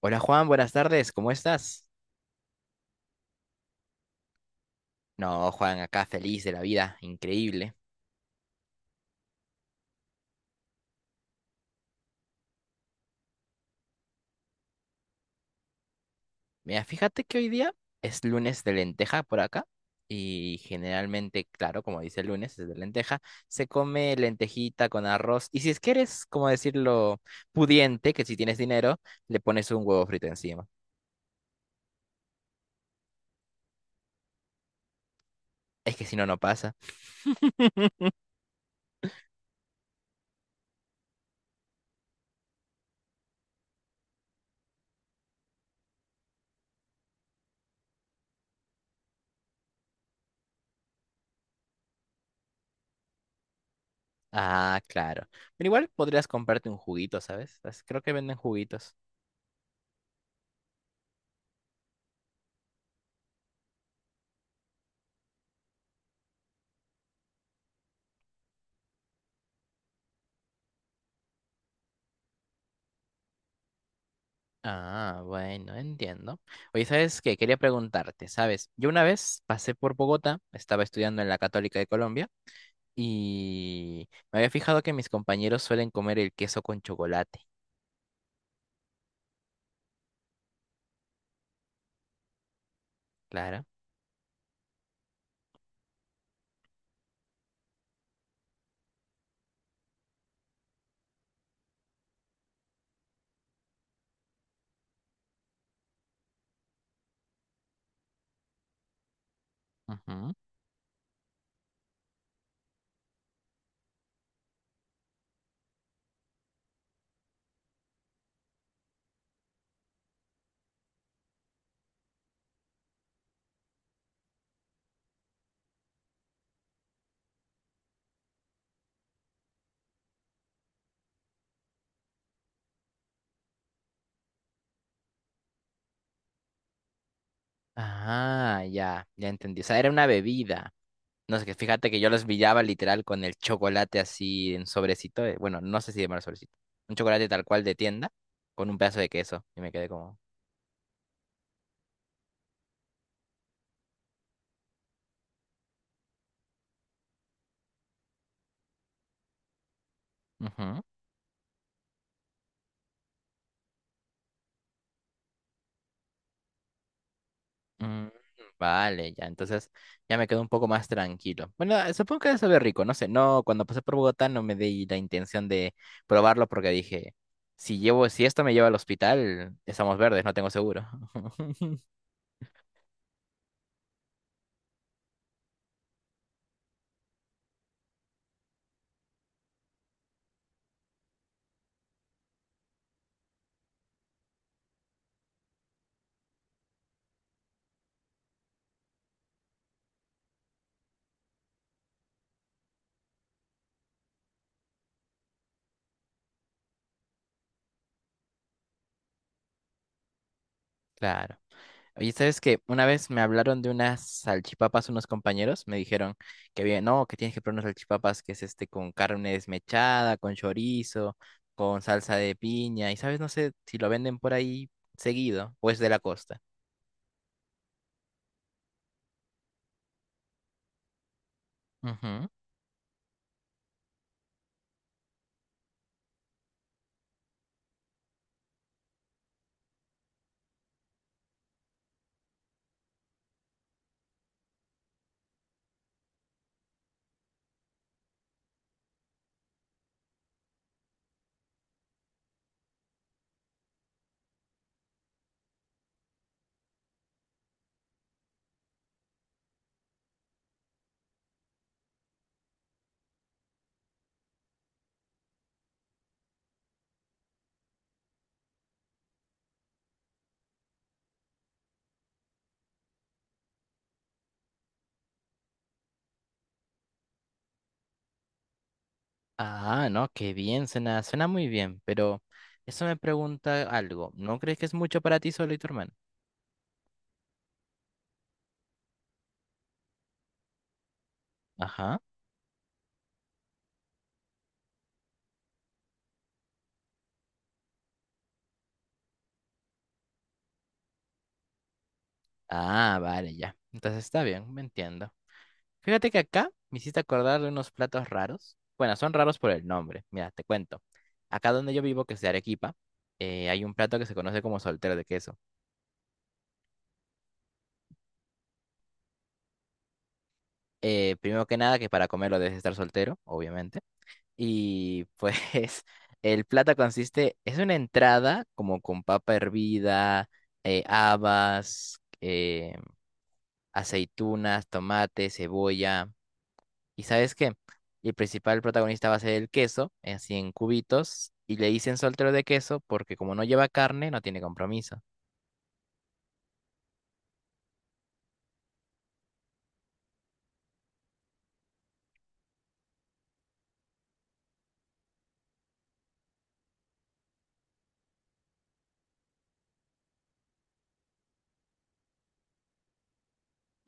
Hola Juan, buenas tardes, ¿cómo estás? No, Juan, acá feliz de la vida, increíble. Mira, fíjate que hoy día es lunes de lenteja por acá y generalmente, claro, como dice el lunes, es de lenteja, se come lentejita con arroz y si es que eres, como decirlo, pudiente, que si tienes dinero, le pones un huevo frito encima. Es que si no, no pasa. Ah, claro. Pero igual podrías comprarte un juguito, ¿sabes? Creo que venden juguitos. Ah, bueno, entiendo. Oye, ¿sabes qué? Quería preguntarte, ¿sabes? Yo una vez pasé por Bogotá, estaba estudiando en la Católica de Colombia y me había fijado que mis compañeros suelen comer el queso con chocolate, claro. Ujú. Ah, ya, ya entendí. O sea, era una bebida. No sé, que fíjate que yo los pillaba literal con el chocolate así en sobrecito. Bueno, no sé si llamarlo sobrecito. Un chocolate tal cual de tienda con un pedazo de queso y me quedé como... ujú. Mm, vale, ya, entonces ya me quedo un poco más tranquilo. Bueno, supongo que debe saber rico, no sé, no, cuando pasé por Bogotá no me di la intención de probarlo porque dije, si llevo, si esto me lleva al hospital, estamos verdes, no tengo seguro. Claro. Oye, ¿sabes qué? Una vez me hablaron de unas salchipapas unos compañeros, me dijeron que había, no, que tienes que probar unas salchipapas que es este con carne desmechada, con chorizo, con salsa de piña, y sabes, no sé si lo venden por ahí seguido o es de la costa. Ujú. Ah, no, qué bien, suena muy bien, pero eso me pregunta algo. ¿No crees que es mucho para ti solo y tu hermano? Ajá. Ah, vale, ya. Entonces está bien, me entiendo. Fíjate que acá me hiciste acordar de unos platos raros. Bueno, son raros por el nombre. Mira, te cuento. Acá donde yo vivo, que es de Arequipa, hay un plato que se conoce como soltero de queso. Primero que nada, que para comerlo debes estar soltero, obviamente. Y pues el plata consiste, es una entrada como con papa hervida, habas, aceitunas, tomate, cebolla. ¿Y sabes qué? El principal protagonista va a ser el queso, así en cubitos, y le dicen soltero de queso porque como no lleva carne, no tiene compromiso.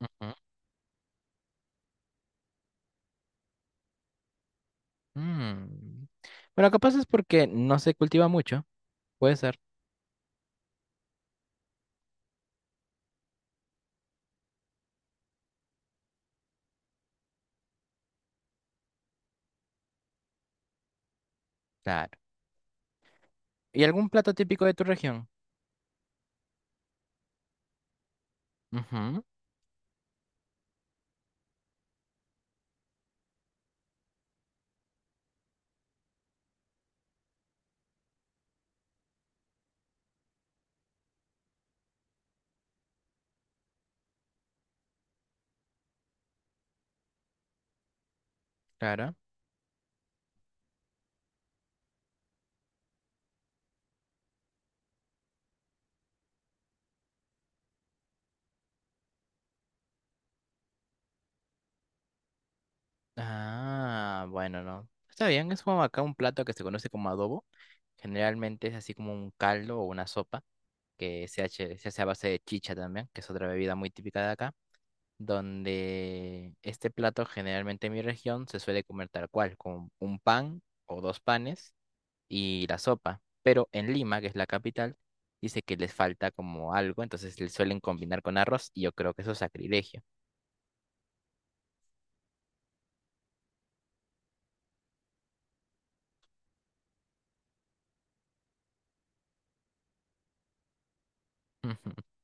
Ujú. Mm. Bueno, capaz es porque no se cultiva mucho, puede ser. Claro. ¿Y algún plato típico de tu región? Ujú, claro. Ah, bueno, no. Está bien, es como acá un plato que se conoce como adobo. Generalmente es así como un caldo o una sopa que se hace a base de chicha también, que es otra bebida muy típica de acá, donde este plato generalmente en mi región se suele comer tal cual, con un pan o dos panes y la sopa. Pero en Lima, que es la capital, dice que les falta como algo, entonces le suelen combinar con arroz y yo creo que eso es sacrilegio.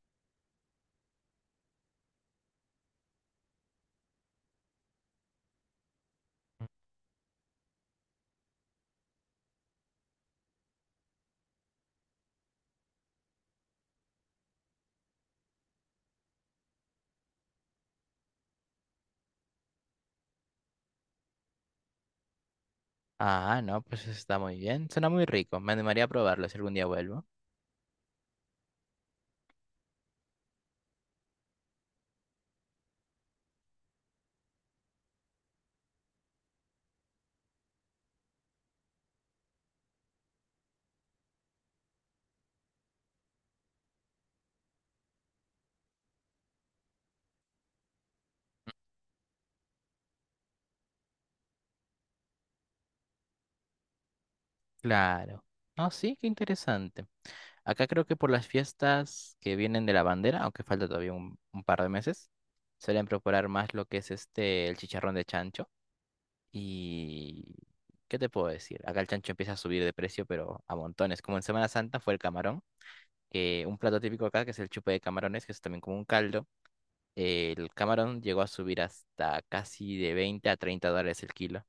Ah, no, pues eso está muy bien. Suena muy rico. Me animaría a probarlo si algún día vuelvo. Claro. Ah, sí, qué interesante. Acá creo que por las fiestas que vienen de la bandera, aunque falta todavía un par de meses, suelen preparar más lo que es este, el chicharrón de chancho. Y... ¿Qué te puedo decir? Acá el chancho empieza a subir de precio, pero a montones. Como en Semana Santa fue el camarón, que un plato típico acá, que es el chupe de camarones, que es también como un caldo. El camarón llegó a subir hasta casi de $20 a $30 el kilo.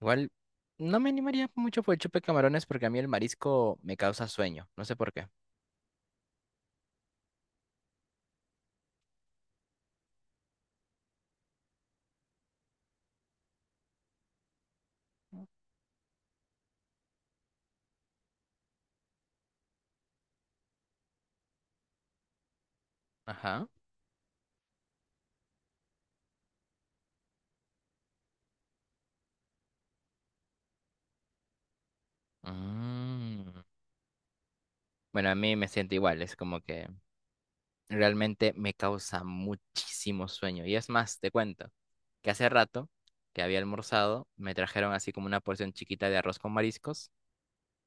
Igual no me animaría mucho por el chupe de camarones porque a mí el marisco me causa sueño, no sé por qué. Ajá. Mm. Bueno, a mí me siento igual, es como que realmente me causa muchísimo sueño. Y es más, te cuento que hace rato que había almorzado, me trajeron así como una porción chiquita de arroz con mariscos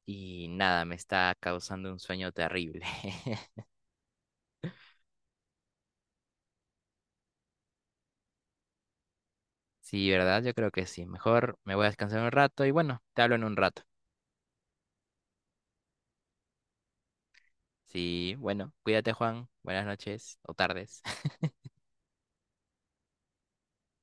y nada, me está causando un sueño terrible. Sí, ¿verdad? Yo creo que sí. Mejor me voy a descansar un rato y bueno, te hablo en un rato. Sí, bueno, cuídate, Juan. Buenas noches o tardes.